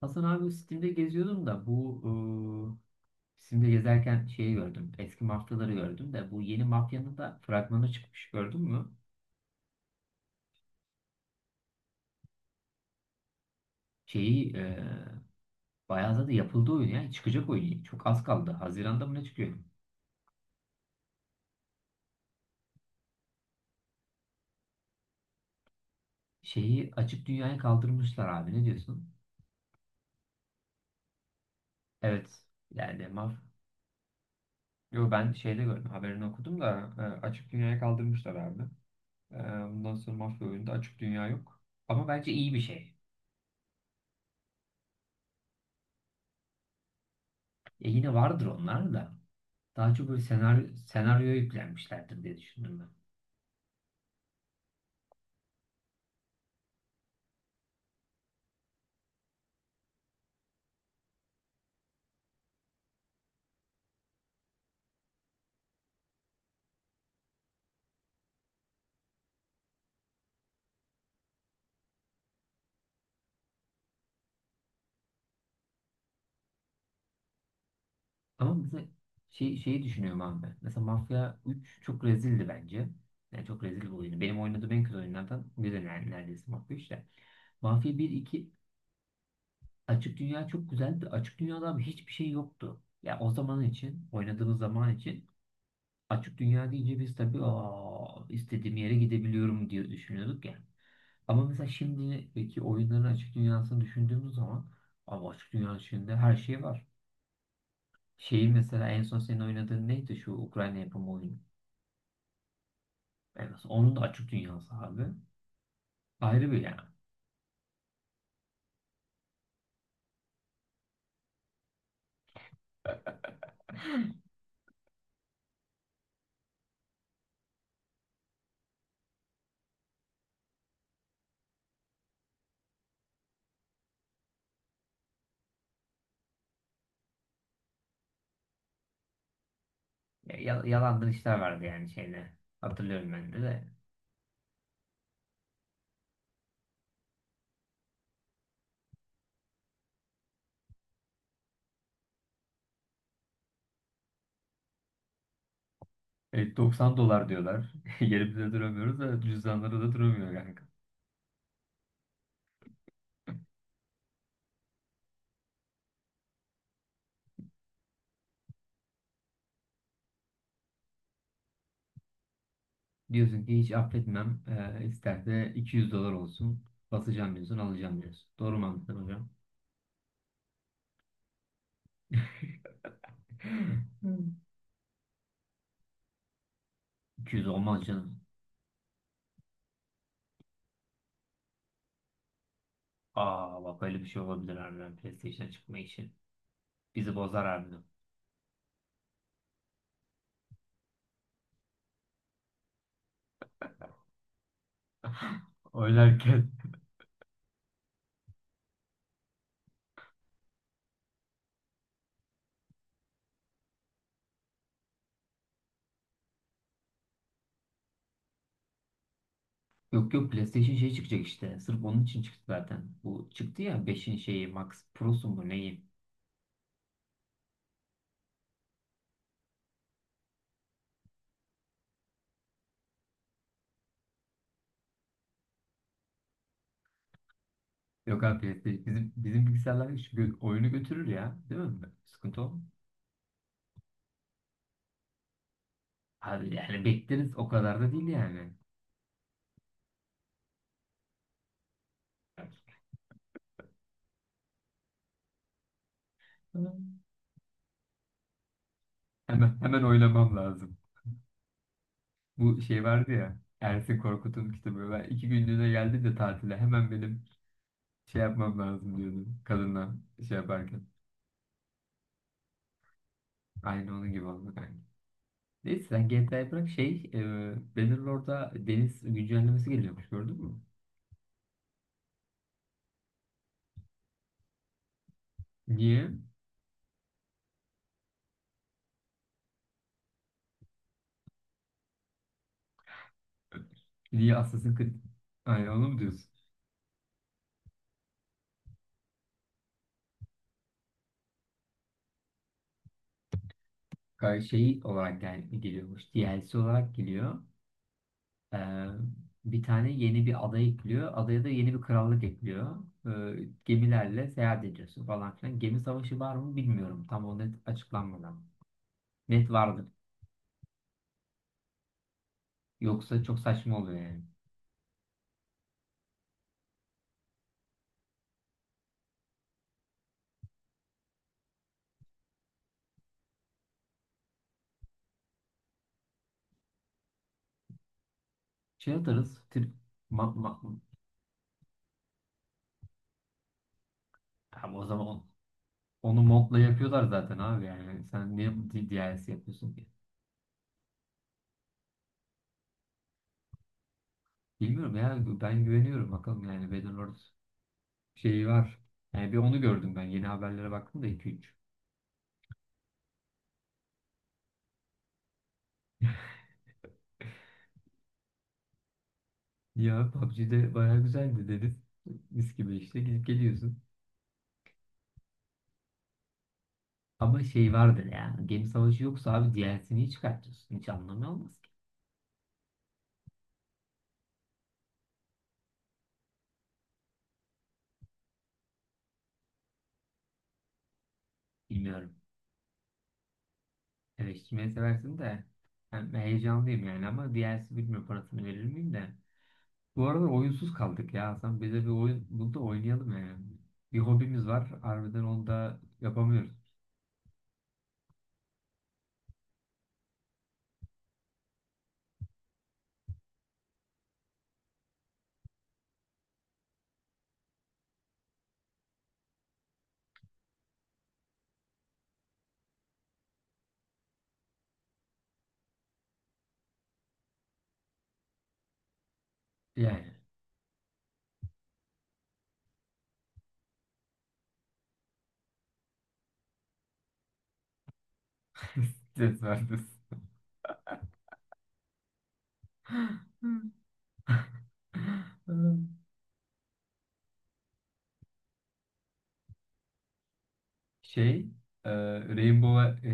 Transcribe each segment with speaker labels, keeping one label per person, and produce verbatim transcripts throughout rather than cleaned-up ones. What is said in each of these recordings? Speaker 1: Hasan abi Steam'de geziyordum da bu ıı, Steam'de gezerken şeyi gördüm. Eski mafyaları gördüm de bu yeni mafyanın da fragmanı çıkmış, gördün mü? Şeyi e, bayağı da yapıldı oyun ya. Çıkacak oyun. Çok az kaldı. Haziran'da mı ne çıkıyor? Şeyi açık dünyaya kaldırmışlar abi. Ne diyorsun? Evet. Yani maf... Yo, ben şeyde gördüm. Haberini okudum da e, açık dünyaya kaldırmışlar abi. E, Bundan sonra mafya oyunda açık dünya yok. Ama bence iyi bir şey. E, yine vardır onlar da. Daha çok böyle senaryo, senaryoya yüklenmişlerdir diye düşündüm ben. Ama mesela şey, şeyi düşünüyorum abi. Mesela Mafya üç çok rezildi bence. Yani çok rezil bir oyunu. Benim oynadığım en kötü oyunlardan biri ner- neredeyse Mafya üç de. Mafya bir iki açık dünya çok güzeldi. Açık dünyada abi hiçbir şey yoktu. Ya o zaman için, oynadığımız zaman için, açık dünya deyince biz tabii, aa, istediğim yere gidebiliyorum diye düşünüyorduk ya. Ama mesela şimdiki oyunların açık dünyasını düşündüğümüz zaman abi, açık dünyanın içinde her şey var. Şeyi mesela en son senin oynadığın neydi, şu Ukrayna yapımı oyunu? Yani mesela onun da açık dünyası abi. Ayrı bir yani. Ya, ya- yalandan işler vardı yani şeyde. Hatırlıyorum ben de de. E, doksan dolar diyorlar. Yerimizde duramıyoruz da cüzdanları da duramıyor yani. Diyorsun ki hiç affetmem. Ee, isterse iki yüz dolar olsun. Basacağım diyorsun, alacağım diyorsun. Doğru mu anladım hocam? Hmm. iki yüz olmaz canım. Aa, bak, öyle bir şey olabilir harbiden, PlayStation'a çıkma işi. Bizi bozar harbiden. Oynarken. Yok yok, PlayStation şey çıkacak işte. Sırf onun için çıktı zaten. Bu çıktı ya, beşin şeyi Max Pro'su mu neyi? Yok abi, PlayStation bizim, bizim bilgisayarlar şu gö- oyunu götürür ya. Değil mi? Sıkıntı o. Abi yani bekleriz, o kadar da değil yani. Hemen, hemen oylamam lazım. Bu şey vardı ya, Ersin Korkut'un kitabı. Ben iki günlüğüne geldi de tatile hemen benim şey yapmam lazım diyordum kadınla şey yaparken. Aynı onun gibi oldu kanka. Neyse, sen G T A'yı bırak, şey e, Bannerlord'a deniz güncellemesi geliyormuş, gördün mü? Niye? Niye Assassin's Creed? Aynen onu mu diyorsun? Kanka şey olarak gel geliyormuş. D L C olarak geliyor. Ee, Bir tane yeni bir ada ekliyor. Adaya da yeni bir krallık ekliyor. Ee, gemilerle seyahat ediyorsun falan filan. Gemi savaşı var mı bilmiyorum. Tam o net açıklanmadan. Net vardır. Yoksa çok saçma oluyor yani. Şey atarız. Tri- ma- ma- Tamam, o zaman onu modla yapıyorlar zaten abi yani. Sen niye bu di- D L C yapıyorsun ki? Bilmiyorum ya, ben güveniyorum bakalım, yani Battlelord şeyi var. Yani bir onu gördüm ben. Yeni haberlere baktım da iki üç. Ya P U B G'de bayağı güzeldi dedin. Mis gibi işte, gidip geliyorsun. Ama şey vardır ya. Gemi savaşı yoksa abi D L C'ni niye çıkartıyorsun? Hiç anlamı olmaz ki. Bilmiyorum. Eleştirmeyi seversin de. Ben heyecanlıyım yani, ama D L C bilmiyorum, parasını verir miyim de. Bu arada oyunsuz kaldık ya Hasan. Bize bir oyun bul da oynayalım yani. Bir hobimiz var, harbiden onu da yapamıyoruz. Yani. Stres verdi. Şey, e, Rainbow'a e,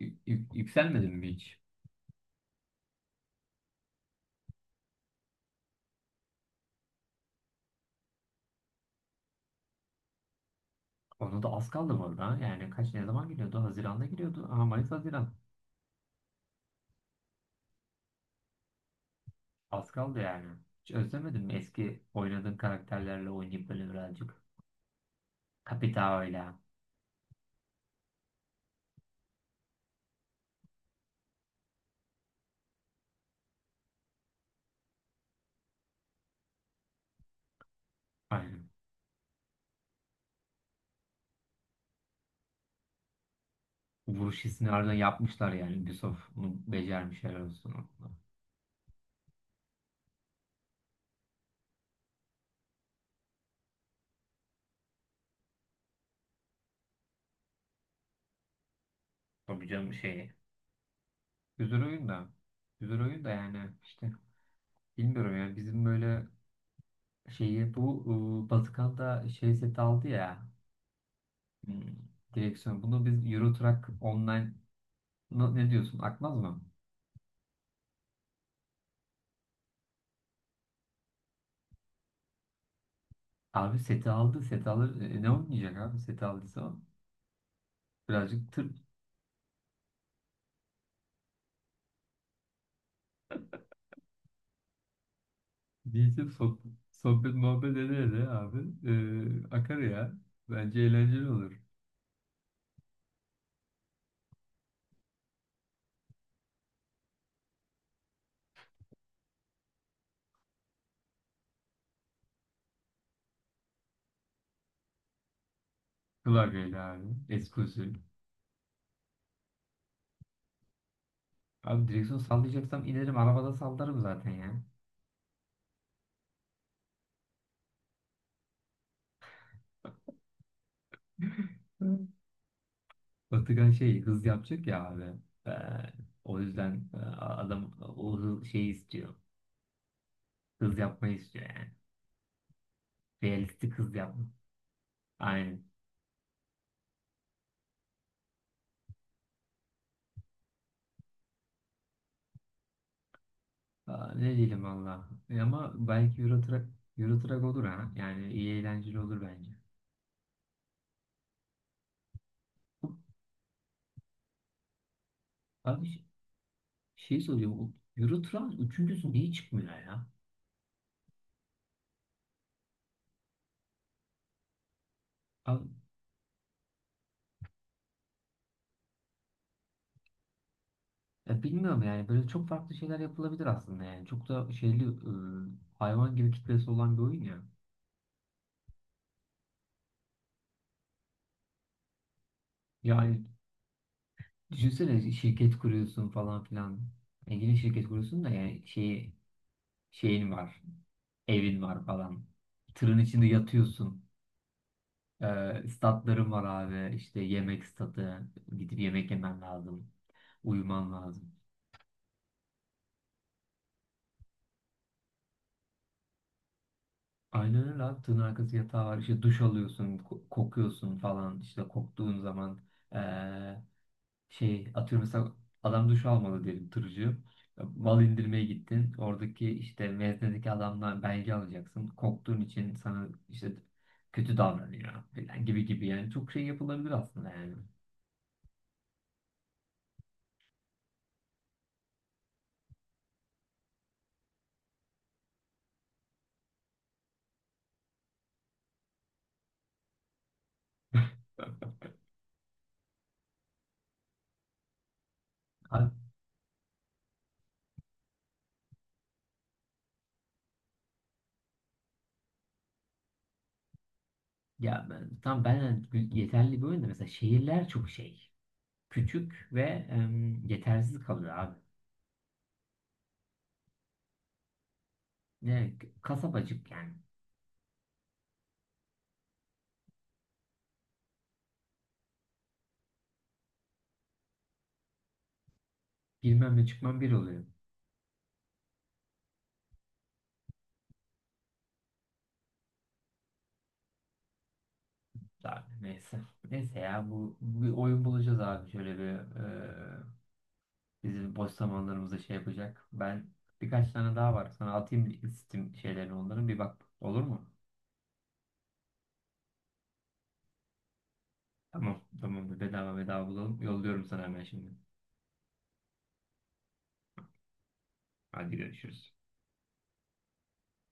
Speaker 1: y- y- yükselmedin mi hiç? Ona da az kaldı bu arada. Yani kaç, ne zaman giriyordu? Haziran'da giriyordu. Aha, Mayıs Haziran. Az kaldı yani. Hiç özlemedin mi eski oynadığın karakterlerle oynayıp böyle birazcık? Capitao'yla. Aynen. Vuruş hissini harbiden yapmışlar yani. Ubisoft bunu becermiş, helal olsun. Tabii canım şey. Güzel oyun da. Güzel oyun da yani işte. Bilmiyorum ya, bizim böyle şeyi bu ıı, Batıkan'da şey seti aldı ya. Hmm, direksiyon. Bunu biz Euro Truck Online ne ne diyorsun? Akmaz mı? Abi seti aldı. Seti alır. E, e, ne oynayacak abi? Seti aldıysa o. Birazcık tır diyeceğim. Sohbet, sohbet muhabbet ede ede abi. E, akar ya. Bence eğlenceli olur. Klavyeyle abi. Eski usul. Abi direksiyon sallayacaksam inerim. Arabada sallarım zaten ya. Batıkan şey hız yapacak ya abi. Ee, O yüzden e, adam o hız, şeyi istiyor. Hız yapmayı istiyor yani. Realistik kız yapma. Aynen. Aa, ne diyelim valla. E ama belki Euro Truck, Euro Truck olur ha. Yani iyi, eğlenceli olur bence. Abi ş- şey soruyorum, o Euro Truck'ın üçüncüsü niye çıkmıyor ya? Abi, ya bilmiyorum yani. Böyle çok farklı şeyler yapılabilir aslında yani. Çok da şeyli e, hayvan gibi kitlesi olan bir oyun ya. Yani düşünsene, şirket kuruyorsun falan filan. Yani yine şirket kuruyorsun da yani şey, şeyin var. Evin var falan. Tırın içinde yatıyorsun. Ee, statlarım var abi. İşte yemek statı. Gidip yemek yemen lazım. Uyuman lazım. Aynen öyle abi. Tığın arkası yatağı var. İşte duş alıyorsun. Ko- kokuyorsun falan. İşte koktuğun zaman, ee, şey atıyorum mesela, adam duş almadı diyelim, tırcı. Mal indirmeye gittin. Oradaki işte meznedeki adamdan belge alacaksın. Koktuğun için sana işte kötü davranıyor falan, gibi gibi yani. Çok şey yapılabilir aslında yani. Ya ben, tam ben yeterli bir oyun da, mesela şehirler çok şey. Küçük ve em, yetersiz kalıyor abi. Ne, kasabacık yani. Girmem ve çıkmam bir oluyor. Abi neyse. Neyse ya, bu bu bir oyun bulacağız abi. Şöyle bir e, bizim boş zamanlarımızda şey yapacak. Ben birkaç tane daha var. Sana atayım Steam şeylerini, onların bir bak. Olur mu? Tamam. Tamam. Bedava bedava bulalım. Yolluyorum sana hemen şimdi. Hadi görüşürüz.